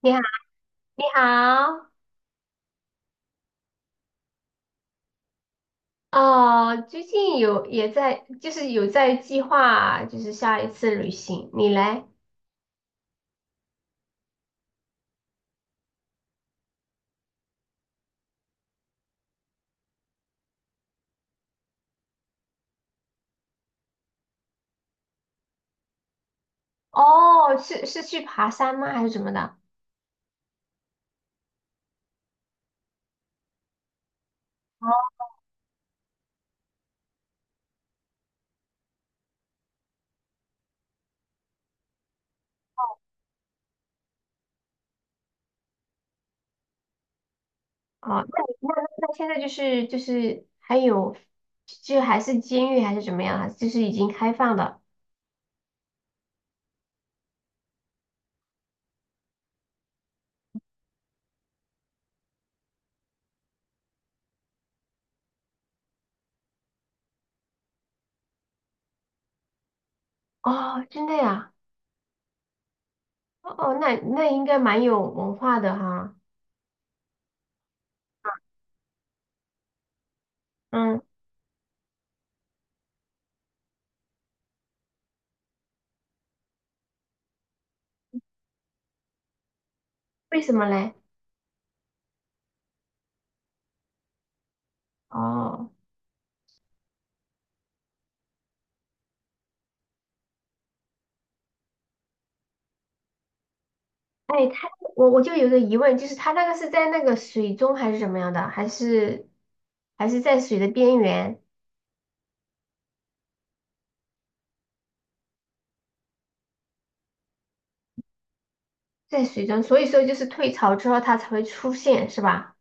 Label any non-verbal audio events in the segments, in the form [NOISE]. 你好，你好。哦，最近有也在，就是有在计划，就是下一次旅行。你来。哦，是去爬山吗？还是怎么的？哦，那你那那现在就是还有，就还是监狱还是怎么样啊？还是就是已经开放的？哦，真的呀？哦，那应该蛮有文化的哈。嗯，为什么嘞？哦。哎，我就有个疑问，就是他那个是在那个水中还是怎么样的，还是在水的边缘，在水中，所以说就是退潮之后它才会出现，是吧？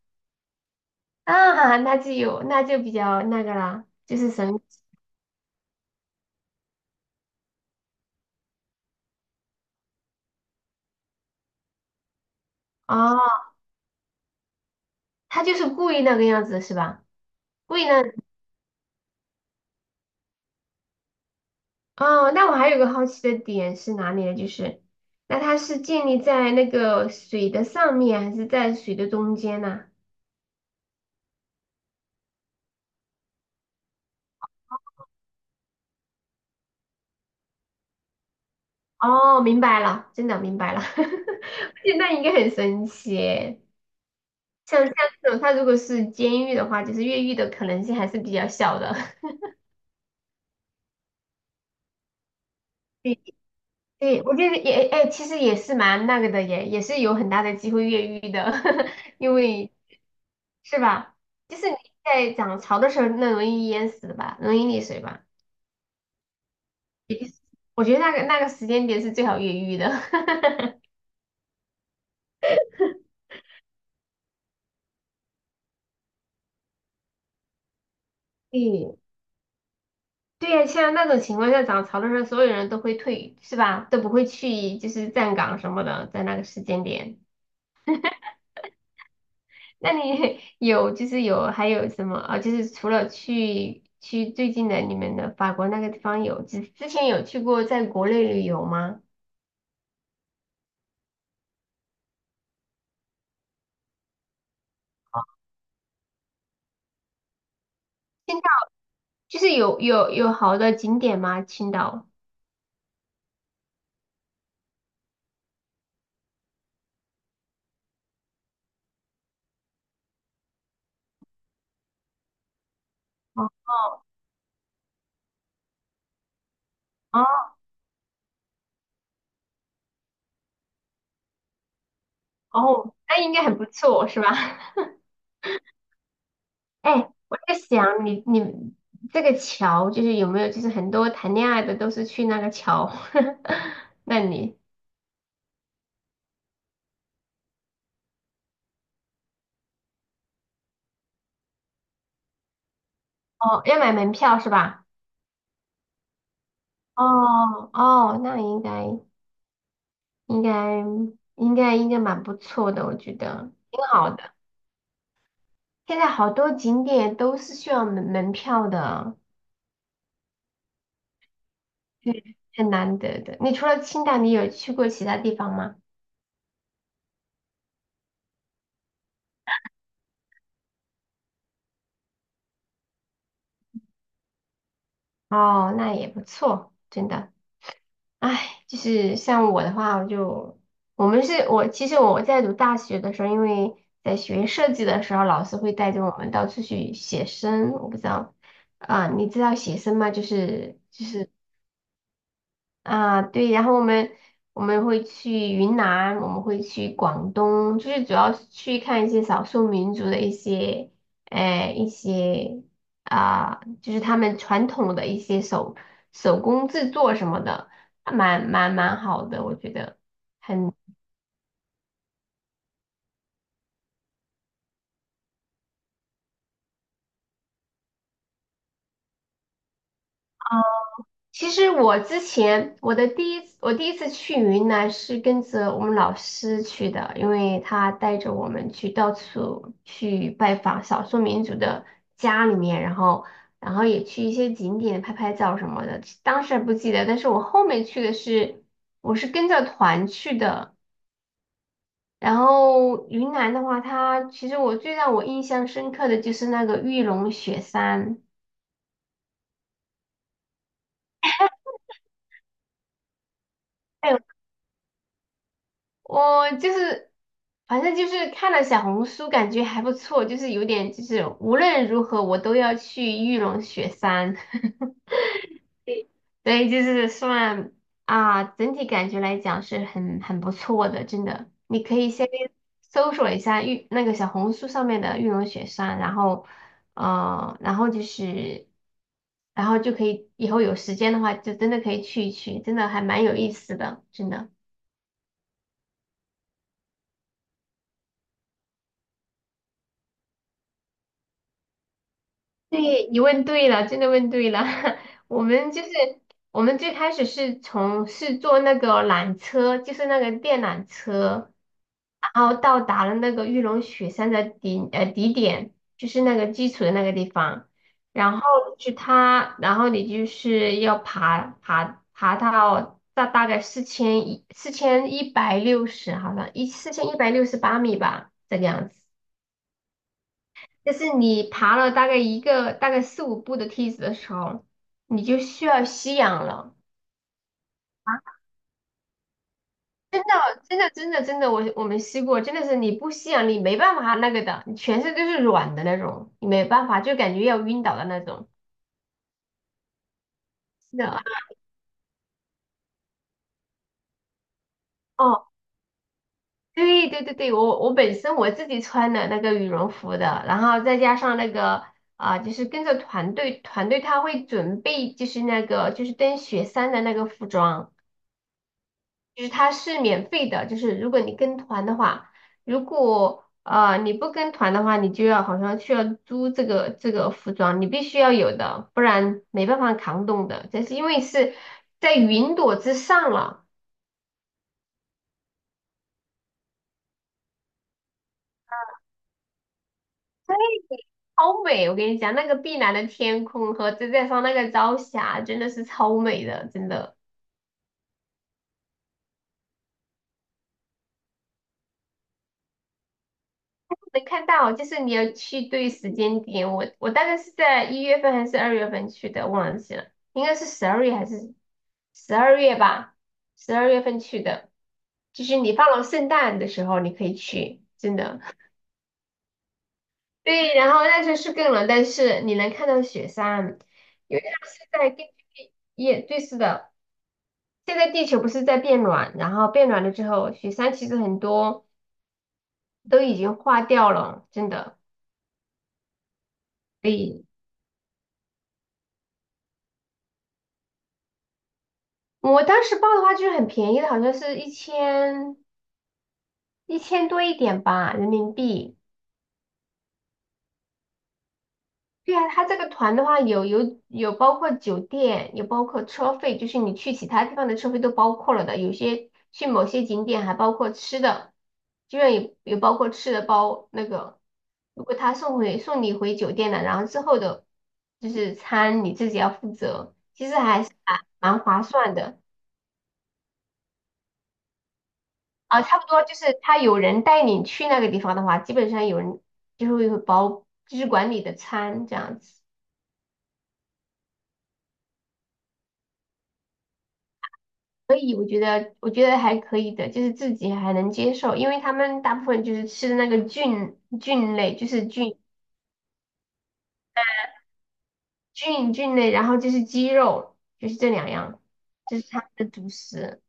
啊，那就比较那个了，就是神奇。哦，他就是故意那个样子是吧？故意那哦，那我还有个好奇的点是哪里呢？就是那它是建立在那个水的上面，还是在水的中间呢？哦，明白了，真的明白了。[LAUGHS] 现在应该很神奇耶。像这种，他如果是监狱的话，就是越狱的可能性还是比较小的。[LAUGHS] 对，对，我觉得也，哎，其实也是蛮那个的，也是有很大的机会越狱的。[LAUGHS] 因为是吧？就是你在涨潮的时候，那容易淹死的吧，容易溺水吧。也就是我觉得那个时间点是最好越狱的。[LAUGHS] 对，对呀，像那种情况下涨潮的时候，所有人都会退，是吧？都不会去，就是站岗什么的，在那个时间点。那你 [LAUGHS] 有就是有还有什么啊？就是除了去最近的你们的法国那个地方有，之前有去过在国内旅游吗？青岛就是有好的景点吗？青岛？哦哦哦。哦，那应该很不错，是吧？哎，我在想你这个桥就是有没有就是很多谈恋爱的都是去那个桥。[LAUGHS] 那你哦，要买门票是吧？哦哦，那应该应该蛮不错的，我觉得挺好的。现在好多景点都是需要门票的，对，很难得的。你除了青岛，你有去过其他地方吗？哦，那也不错，真的。唉，就是像我的话，我就我们是我其实我在读大学的时候，因为在学设计的时候，老师会带着我们到处去写生。我不知道啊，你知道写生吗？就是啊，对，然后我们会去云南，我们会去广东，就是主要是去看一些少数民族的一些，一些啊、就是他们传统的一些手工制作什么的，还蛮好的，我觉得。其实我第一次去云南是跟着我们老师去的，因为他带着我们去到处去拜访少数民族的家里面，然后也去一些景点拍拍照什么的。当时还不记得，但是我后面去的是跟着团去的。然后云南的话，其实我最让我印象深刻的就是那个玉龙雪山。哎，我就是，反正就是看了小红书，感觉还不错，就是有点就是无论如何我都要去玉龙雪山。[LAUGHS] 所以就是算啊，整体感觉来讲是很不错的，真的。你可以先搜索一下那个小红书上面的玉龙雪山，呃，然后就是，然后就可以以后有时间的话，就真的可以去一去，真的还蛮有意思的，真的。对，你问对了，真的问对了。[LAUGHS] 我们就是我们最开始是坐那个缆车，就是那个电缆车，然后到达了那个玉龙雪山的底点，就是那个基础的那个地方。然后去它，然后你就是要爬到大概四千一百六十，好像4168米吧，这个样子。就是你爬了大概四五步的梯子的时候，你就需要吸氧了。啊！真的，真的，真的，我们吸过，真的是你不吸氧，你没办法那个的，你全身都是软的那种，你没办法，就感觉要晕倒的那种。是的。[LAUGHS] 哦，对对对对，我本身我自己穿的那个羽绒服的，然后再加上那个啊、就是跟着团队他会准备就是登雪山的那个服装。就是它是免费的，就是如果你跟团的话，如果你不跟团的话，你就要好像需要租这个服装，你必须要有的，不然没办法扛冻的。这是因为是在云朵之上了。超美！我跟你讲，那个碧蓝的天空和再加上那个朝霞，真的是超美的，真的。能看到，就是你要去对时间点。我大概是在1月份还是二月份去的，忘记了，应该是十二月还是十二月吧，12月份去的。就是你放了圣诞的时候，你可以去，真的。对，然后那时候是更冷，但是你能看到雪山，因为它是在根据也对，是的。现在地球不是在变暖，然后变暖了之后，雪山其实很多都已经化掉了，真的。对。我当时报的话就是很便宜的，好像是一千多一点吧，人民币。对啊，他这个团的话有包括酒店，有包括车费，就是你去其他地方的车费都包括了的。有些去某些景点还包括吃的，居然有包括吃的包那个。如果他送你回酒店了，然后之后的就是餐你自己要负责，其实还是蛮划算的。啊，差不多就是他有人带你去那个地方的话，基本上有人就是会包，就是管理的餐这样子。所以我觉得还可以的，就是自己还能接受，因为他们大部分就是吃的那个菌类，就是菌类，然后就是鸡肉，就是这两样，这是他们的主食。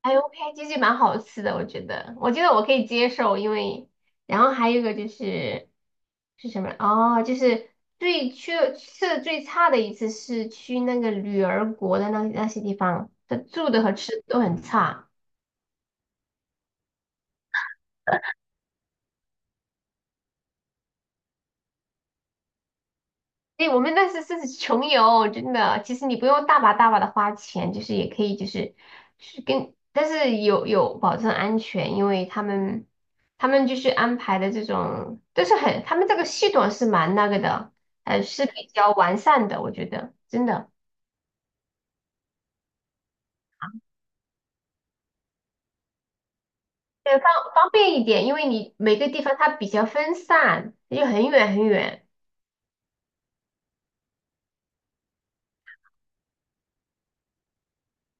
哎，OK，其实蛮好吃的，我觉得我可以接受，因为，然后还有一个是什么？哦，就是最去吃的最差的一次是去那个女儿国的那些地方，这住的和吃的都很差。对，我们那是穷游，真的。其实你不用大把大把的花钱，就是也可以，就是是跟，但是有保证安全，因为他们就是安排的这种，都是很，他们这个系统是蛮那个的，是比较完善的，我觉得真的，对，方便一点，因为你每个地方它比较分散，又很远很远。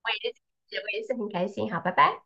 我也是，我也是很开心，好，拜拜。